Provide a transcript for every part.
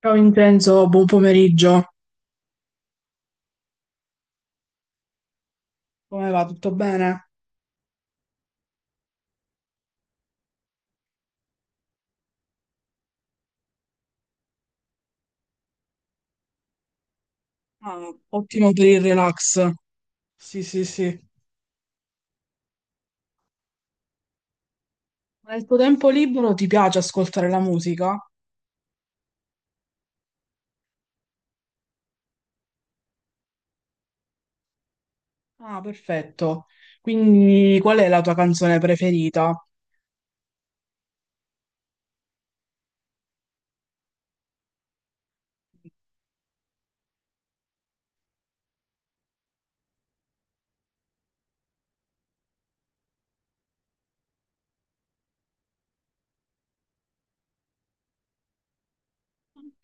Ciao Vincenzo, buon pomeriggio. Come va? Tutto bene? Ah, ottimo per il relax. Sì, sì, sì. Ma nel tuo tempo libero ti piace ascoltare la musica? Ah, perfetto. Quindi qual è la tua canzone preferita?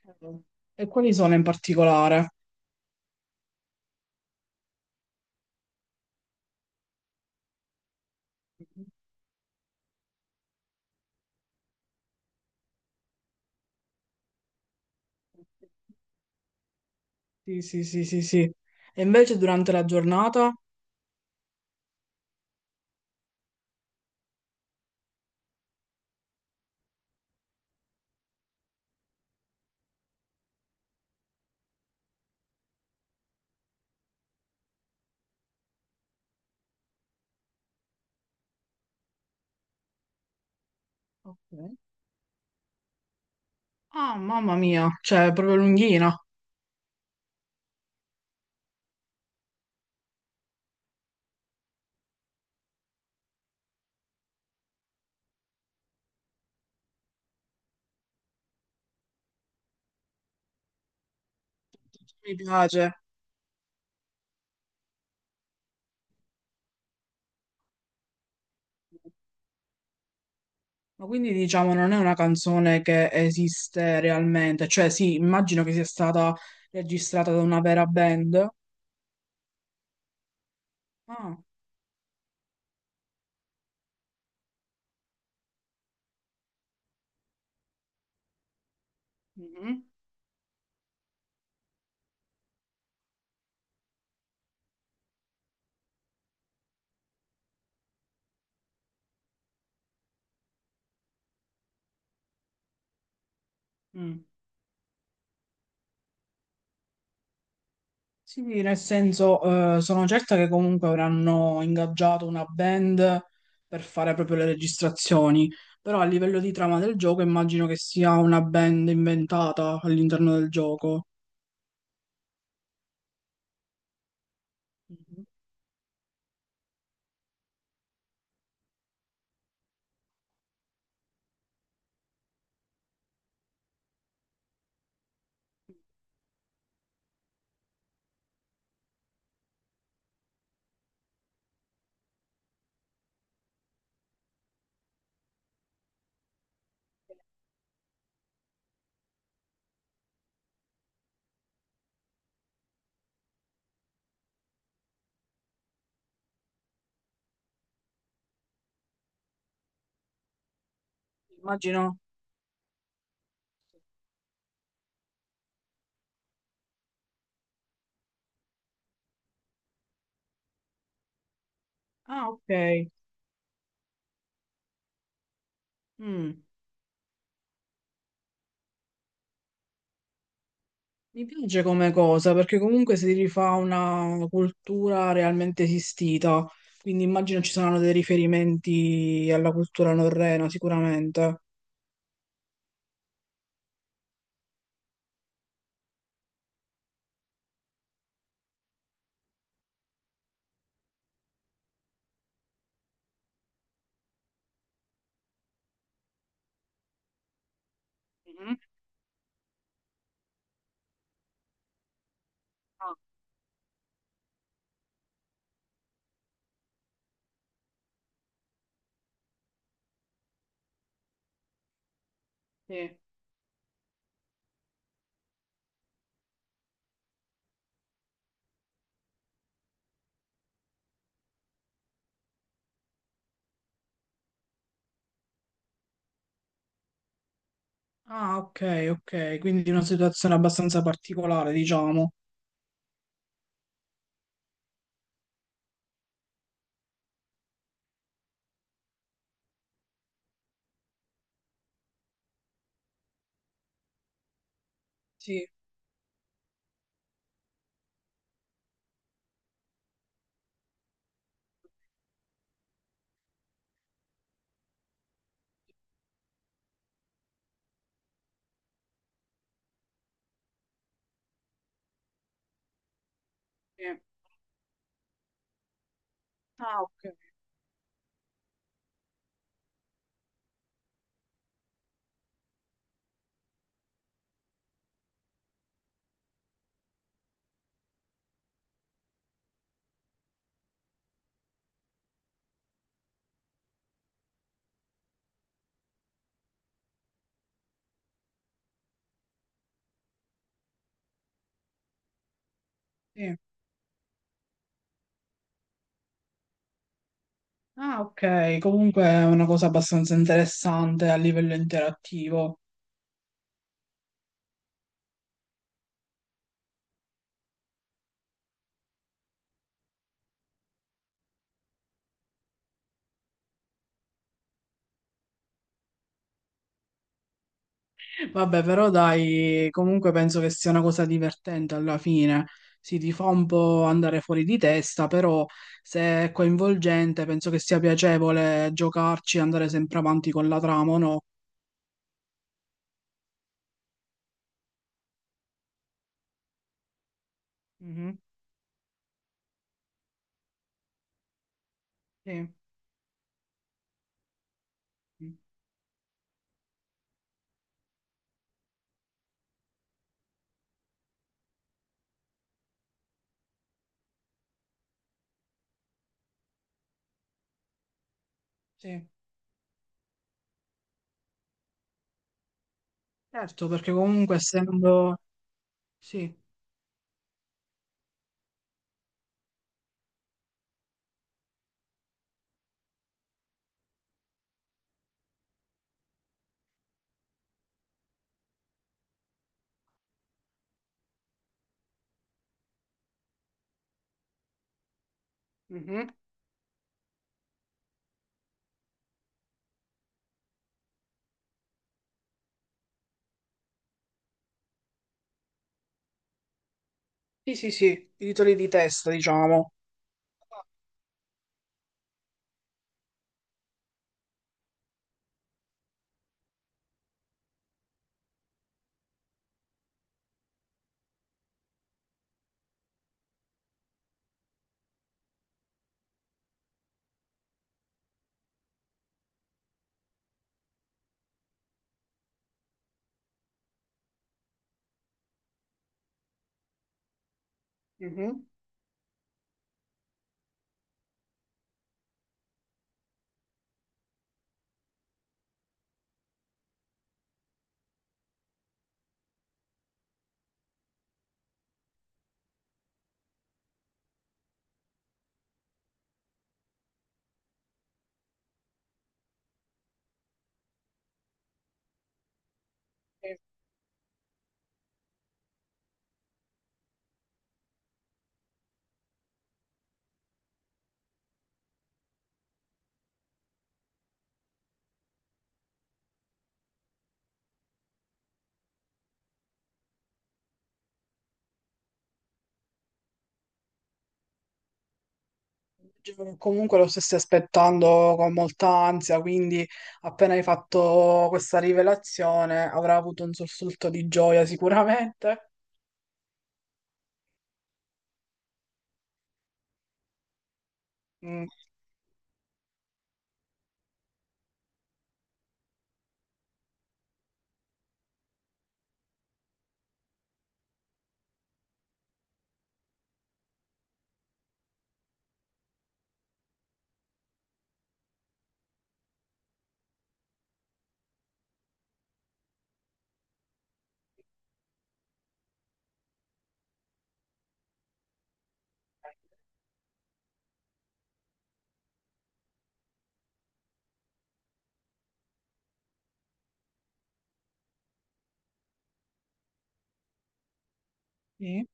Ok. E quali sono in particolare? Sì, sì, sì, sì, sì. E invece durante la giornata? Ok. Ah, mamma mia, cioè è proprio lunghina. Mi piace. Ma quindi diciamo non è una canzone che esiste realmente, cioè sì, immagino che sia stata registrata da una vera band. Ah, mhm, mm. Sì, nel senso sono certa che comunque avranno ingaggiato una band per fare proprio le registrazioni, però a livello di trama del gioco immagino che sia una band inventata all'interno del gioco. Mhm. Immagino. Ah, ok. Mm. Mi piace come cosa perché comunque si rifà una cultura realmente esistita, quindi immagino ci saranno dei riferimenti alla cultura norrena sicuramente. Mhm. Ah, sì. Ah, ok, ok, quindi una situazione abbastanza particolare, diciamo. Sì, sì. Ah, ok. Sì. Ah, ok, comunque è una cosa abbastanza interessante a livello interattivo. Vabbè, però dai, comunque penso che sia una cosa divertente alla fine. Sì, ti fa un po' andare fuori di testa, però se è coinvolgente, penso che sia piacevole giocarci e andare sempre avanti con la trama, o no? Mhm. Sì, mm, sì. Certo, perché comunque essendo... Sì. Mhm. Sì, sì, sì, i titoli di testa, diciamo. Mhm. Comunque lo stessi aspettando con molta ansia, quindi appena hai fatto questa rivelazione avrà avuto un sussulto di gioia sicuramente. Mm. Sì.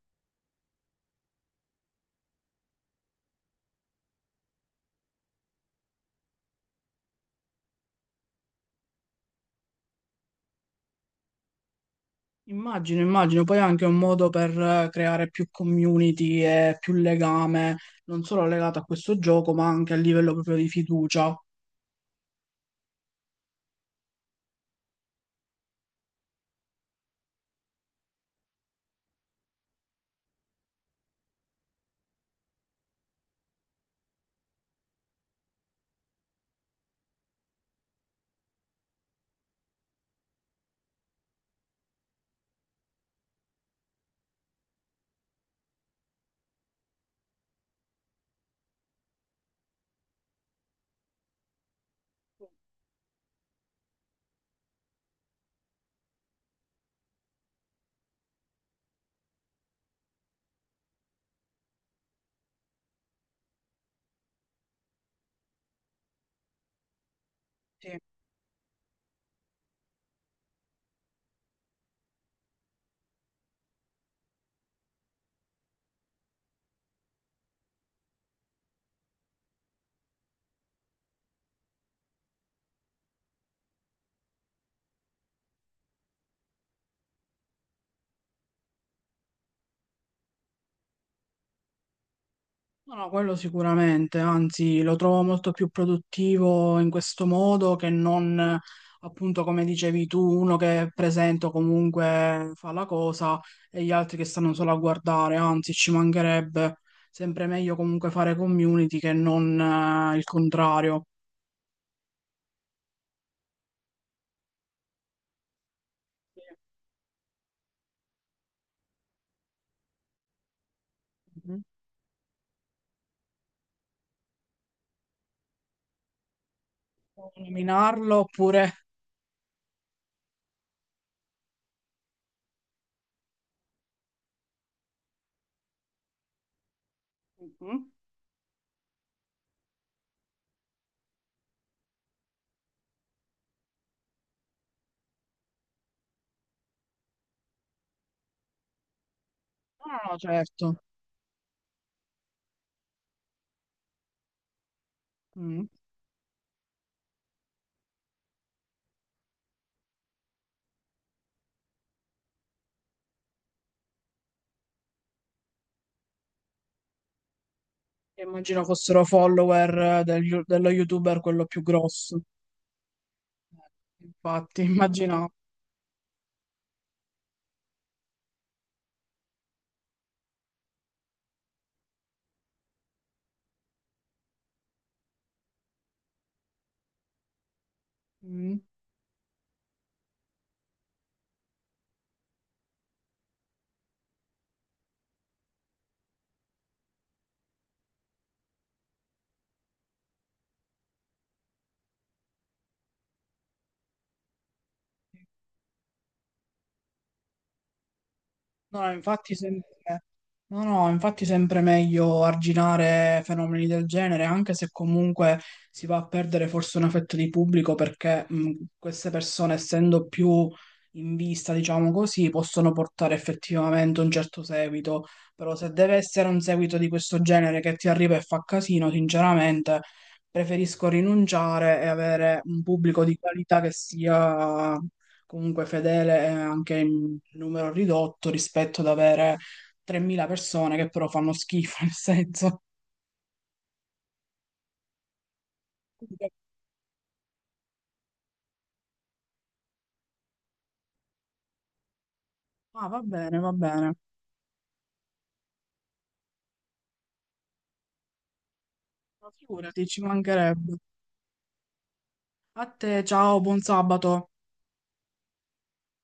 Immagino, immagino, poi è anche un modo per creare più community e più legame, non solo legato a questo gioco, ma anche a livello proprio di fiducia. No, no, quello sicuramente, anzi lo trovo molto più produttivo in questo modo che non, appunto, come dicevi tu, uno che è presente o comunque fa la cosa e gli altri che stanno solo a guardare, anzi ci mancherebbe sempre meglio comunque fare community che non il contrario. Mhm. Può nominarlo oppure... Mhm. No, no, no, certo. Mm. Immagino fossero follower dello youtuber quello più grosso. Infatti, immaginavo. Mm. No, no, infatti sempre, no, no, infatti sempre meglio arginare fenomeni del genere, anche se comunque si va a perdere forse un affetto di pubblico perché mm, queste persone, essendo più in vista, diciamo così, possono portare effettivamente un certo seguito. Però se deve essere un seguito di questo genere che ti arriva e fa casino, sinceramente preferisco rinunciare e avere un pubblico di qualità che sia comunque fedele è anche in numero ridotto rispetto ad avere 3.000 persone che però fanno schifo, nel senso. Ah, va bene, va bene. Ma figurati, ci mancherebbe. A te, ciao, buon sabato.